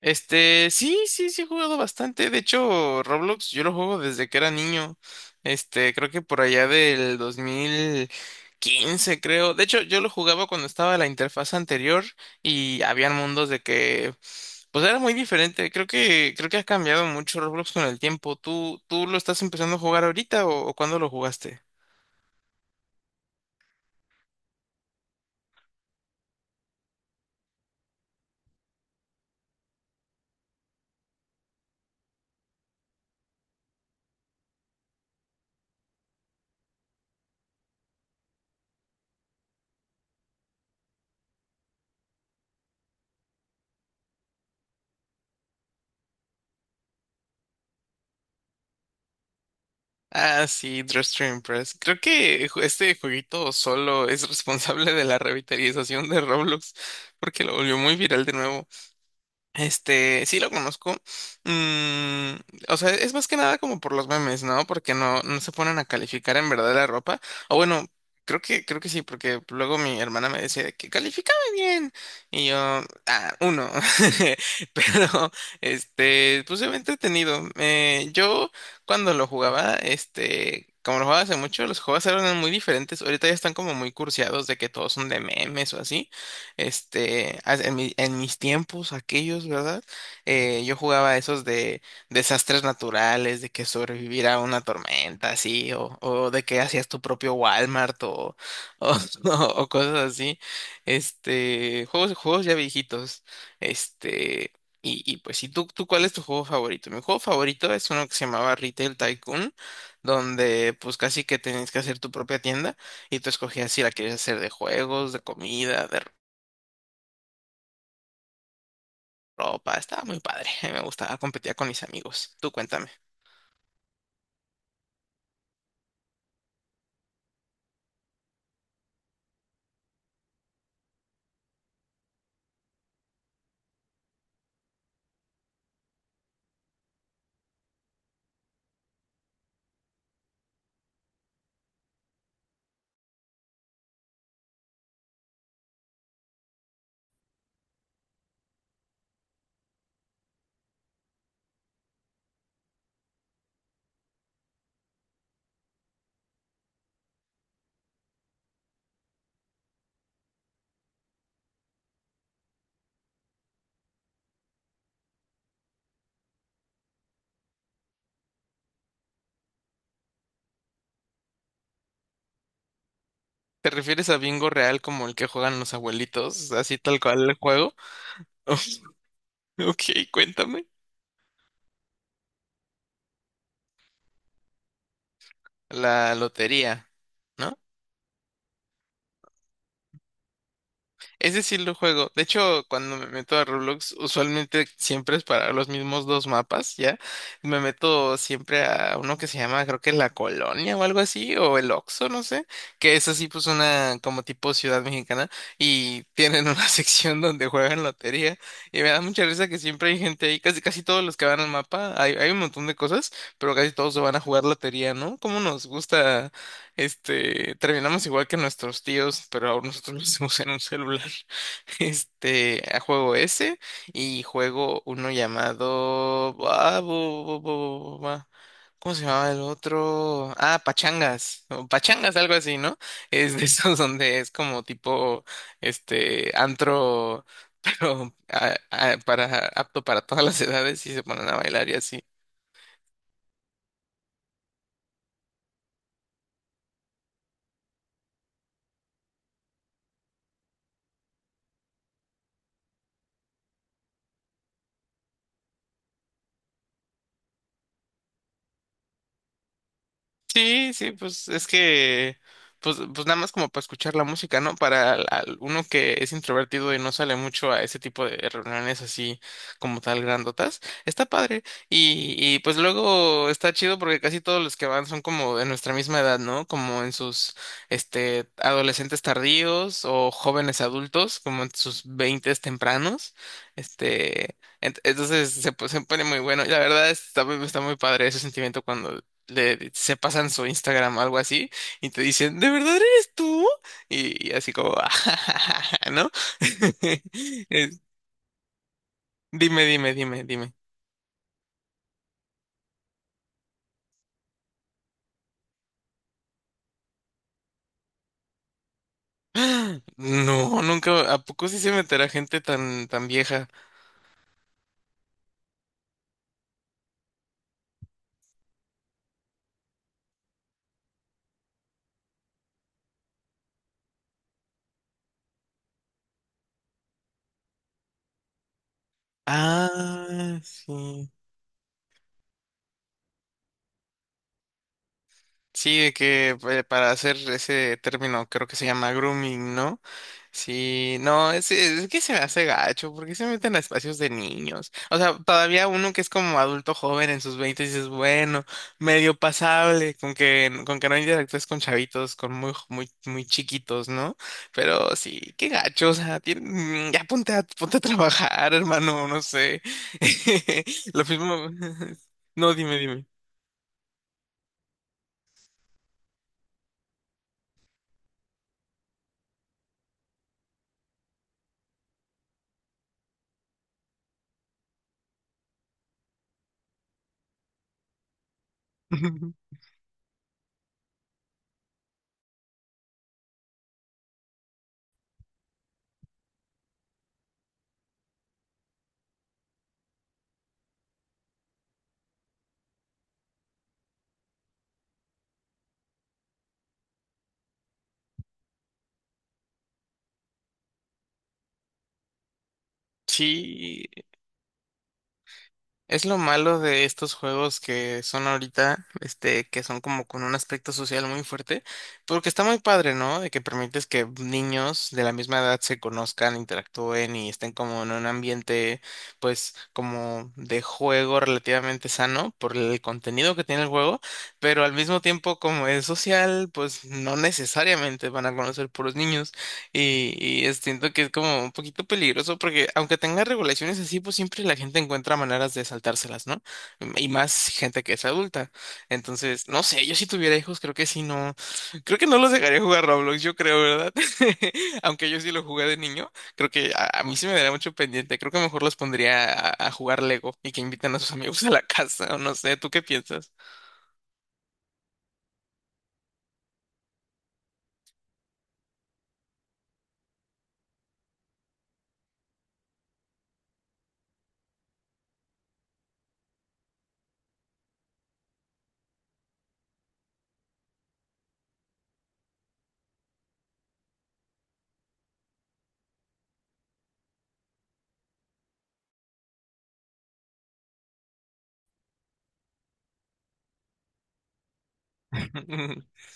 Sí, he jugado bastante. De hecho, Roblox yo lo juego desde que era niño. Creo que por allá del 2015, creo. De hecho, yo lo jugaba cuando estaba la interfaz anterior y habían mundos de que, pues era muy diferente. Creo que ha cambiado mucho Roblox con el tiempo. ¿Tú lo estás empezando a jugar ahorita o cuándo lo jugaste? Ah, sí, Dress to Impress. Creo que este jueguito solo es responsable de la revitalización de Roblox, porque lo volvió muy viral de nuevo. Sí lo conozco. Mm, o sea, es más que nada como por los memes, ¿no? Porque no se ponen a calificar en verdad la ropa. O bueno, creo que sí, porque luego mi hermana me decía de que califícame bien. Y yo, ah, uno. Pero, pues se ve entretenido. Yo cuando lo jugaba, Como lo jugaba hace mucho, los juegos eran muy diferentes. Ahorita ya están como muy cursiados de que todos son de memes o así. En mis tiempos, aquellos, ¿verdad? Yo jugaba esos de desastres naturales, de que sobrevivir a una tormenta, así, o de que hacías tu propio Walmart o o cosas así. Juegos ya viejitos. Este, y pues, ¿y tú, cuál es tu juego favorito? Mi juego favorito es uno que se llamaba Retail Tycoon, donde pues casi que tenías que hacer tu propia tienda. Y tú escogías si la querías hacer de juegos, de comida, de ropa. Estaba muy padre. A mí me gustaba, competía con mis amigos. Tú cuéntame. ¿Te refieres a bingo real como el que juegan los abuelitos? Así tal cual el juego. Ok, cuéntame. La lotería, ¿no? Ese sí lo juego. De hecho, cuando me meto a Roblox, usualmente siempre es para los mismos dos mapas, ¿ya? Me meto siempre a uno que se llama, creo que La Colonia o algo así, o el Oxxo, no sé, que es así pues una como tipo ciudad mexicana y tienen una sección donde juegan lotería y me da mucha risa que siempre hay gente ahí, casi casi todos los que van al mapa, hay un montón de cosas, pero casi todos se van a jugar lotería, ¿no? ¿Cómo nos gusta terminamos igual que nuestros tíos, pero ahora nosotros lo hacemos en un celular? A juego ese y juego uno llamado... ah, ¿cómo se llamaba el otro? Ah, pachangas, o pachangas, algo así, ¿no? Es de esos donde es como tipo, antro, pero apto para todas las edades y se ponen a bailar y así. Sí, sí, pues es que, pues, pues nada más como para escuchar la música, ¿no? Para uno que es introvertido y no sale mucho a ese tipo de reuniones así como tal grandotas, está padre. Y pues luego está chido porque casi todos los que van son como de nuestra misma edad, ¿no? Como adolescentes tardíos o jóvenes adultos, como en sus veintes tempranos, entonces se pone muy bueno. Y la verdad está muy padre ese sentimiento cuando le se pasan su Instagram, algo así, y te dicen, ¿de verdad eres tú? Y así como, ¿no? Es- Dime, dime. ¡Ah! No, nunca, ¿a poco sí se meterá gente tan, tan vieja? Ah, sí. Sí, de que para hacer ese término creo que se llama grooming, ¿no? Sí, no, es que se me hace gacho, porque se meten a espacios de niños. O sea, todavía uno que es como adulto joven en sus 20 dices, bueno, medio pasable, con que no interactúes con chavitos, con muy, muy, muy chiquitos, ¿no? Pero sí, qué gacho, o sea, ya ponte ponte a trabajar, hermano, no sé. Lo mismo, no, dime. Sí. Es lo malo de estos juegos que son ahorita, que son como con un aspecto social muy fuerte, porque está muy padre, ¿no? De que permites que niños de la misma edad se conozcan, interactúen y estén como en un ambiente, pues, como de juego relativamente sano por el contenido que tiene el juego, pero al mismo tiempo como es social, pues no necesariamente van a conocer puros niños. Siento que es como un poquito peligroso porque aunque tenga regulaciones así, pues siempre la gente encuentra maneras de saltárselas, ¿no? Y más gente que es adulta. Entonces, no sé, yo si tuviera hijos creo que sí, no, creo que no los dejaría jugar Roblox, yo creo, ¿verdad? Aunque yo sí lo jugué de niño, creo que a mí se me daría mucho pendiente, creo que mejor los pondría a jugar Lego y que inviten a sus amigos a la casa, o no sé, ¿tú qué piensas?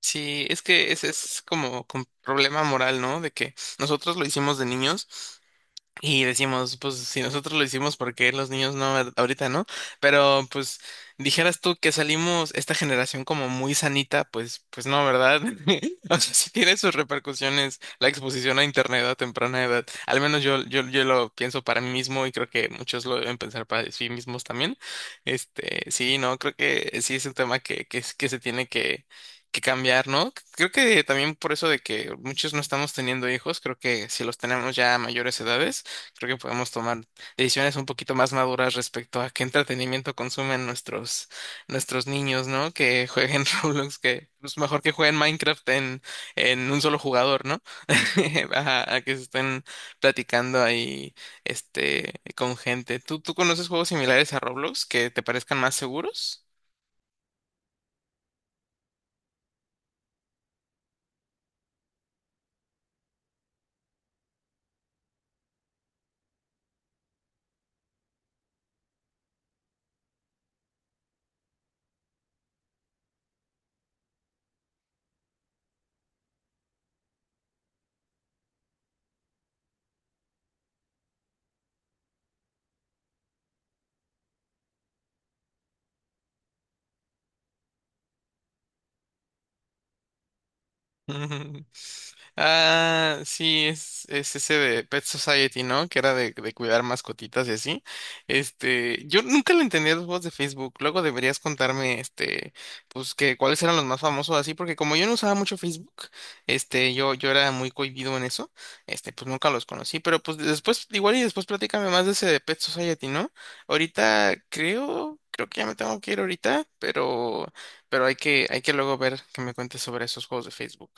Sí, es que ese es como un problema moral, ¿no? De que nosotros lo hicimos de niños. Y decimos, pues si nosotros lo hicimos, ¿por qué los niños no ahorita, no? Pero pues dijeras tú que salimos esta generación como muy sanita, pues pues no, ¿verdad? O sea, sí tiene sus repercusiones la exposición a internet a temprana edad. Al menos yo lo pienso para mí mismo y creo que muchos lo deben pensar para sí mismos también. Sí, no, creo que sí es un tema que que se tiene que cambiar, ¿no? Creo que también por eso de que muchos no estamos teniendo hijos, creo que si los tenemos ya a mayores edades, creo que podemos tomar decisiones un poquito más maduras respecto a qué entretenimiento consumen nuestros niños, ¿no? Que jueguen Roblox, que es mejor que jueguen Minecraft en un solo jugador, ¿no? A que se estén platicando ahí, con gente. ¿Tú conoces juegos similares a Roblox que te parezcan más seguros? Ah, sí, es ese de Pet Society, ¿no? Que era de cuidar mascotitas y así. Yo nunca le entendí a los juegos de Facebook. Luego deberías contarme, pues que cuáles eran los más famosos así, porque como yo no usaba mucho Facebook, yo era muy cohibido en eso, pues nunca los conocí. Pero pues después, igual y después platícame más de ese de Pet Society, ¿no? Ahorita creo que ya me tengo que ir ahorita, pero, hay que luego ver que me cuentes sobre esos juegos de Facebook.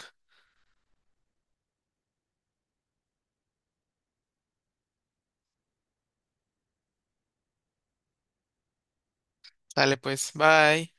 Sale pues, bye.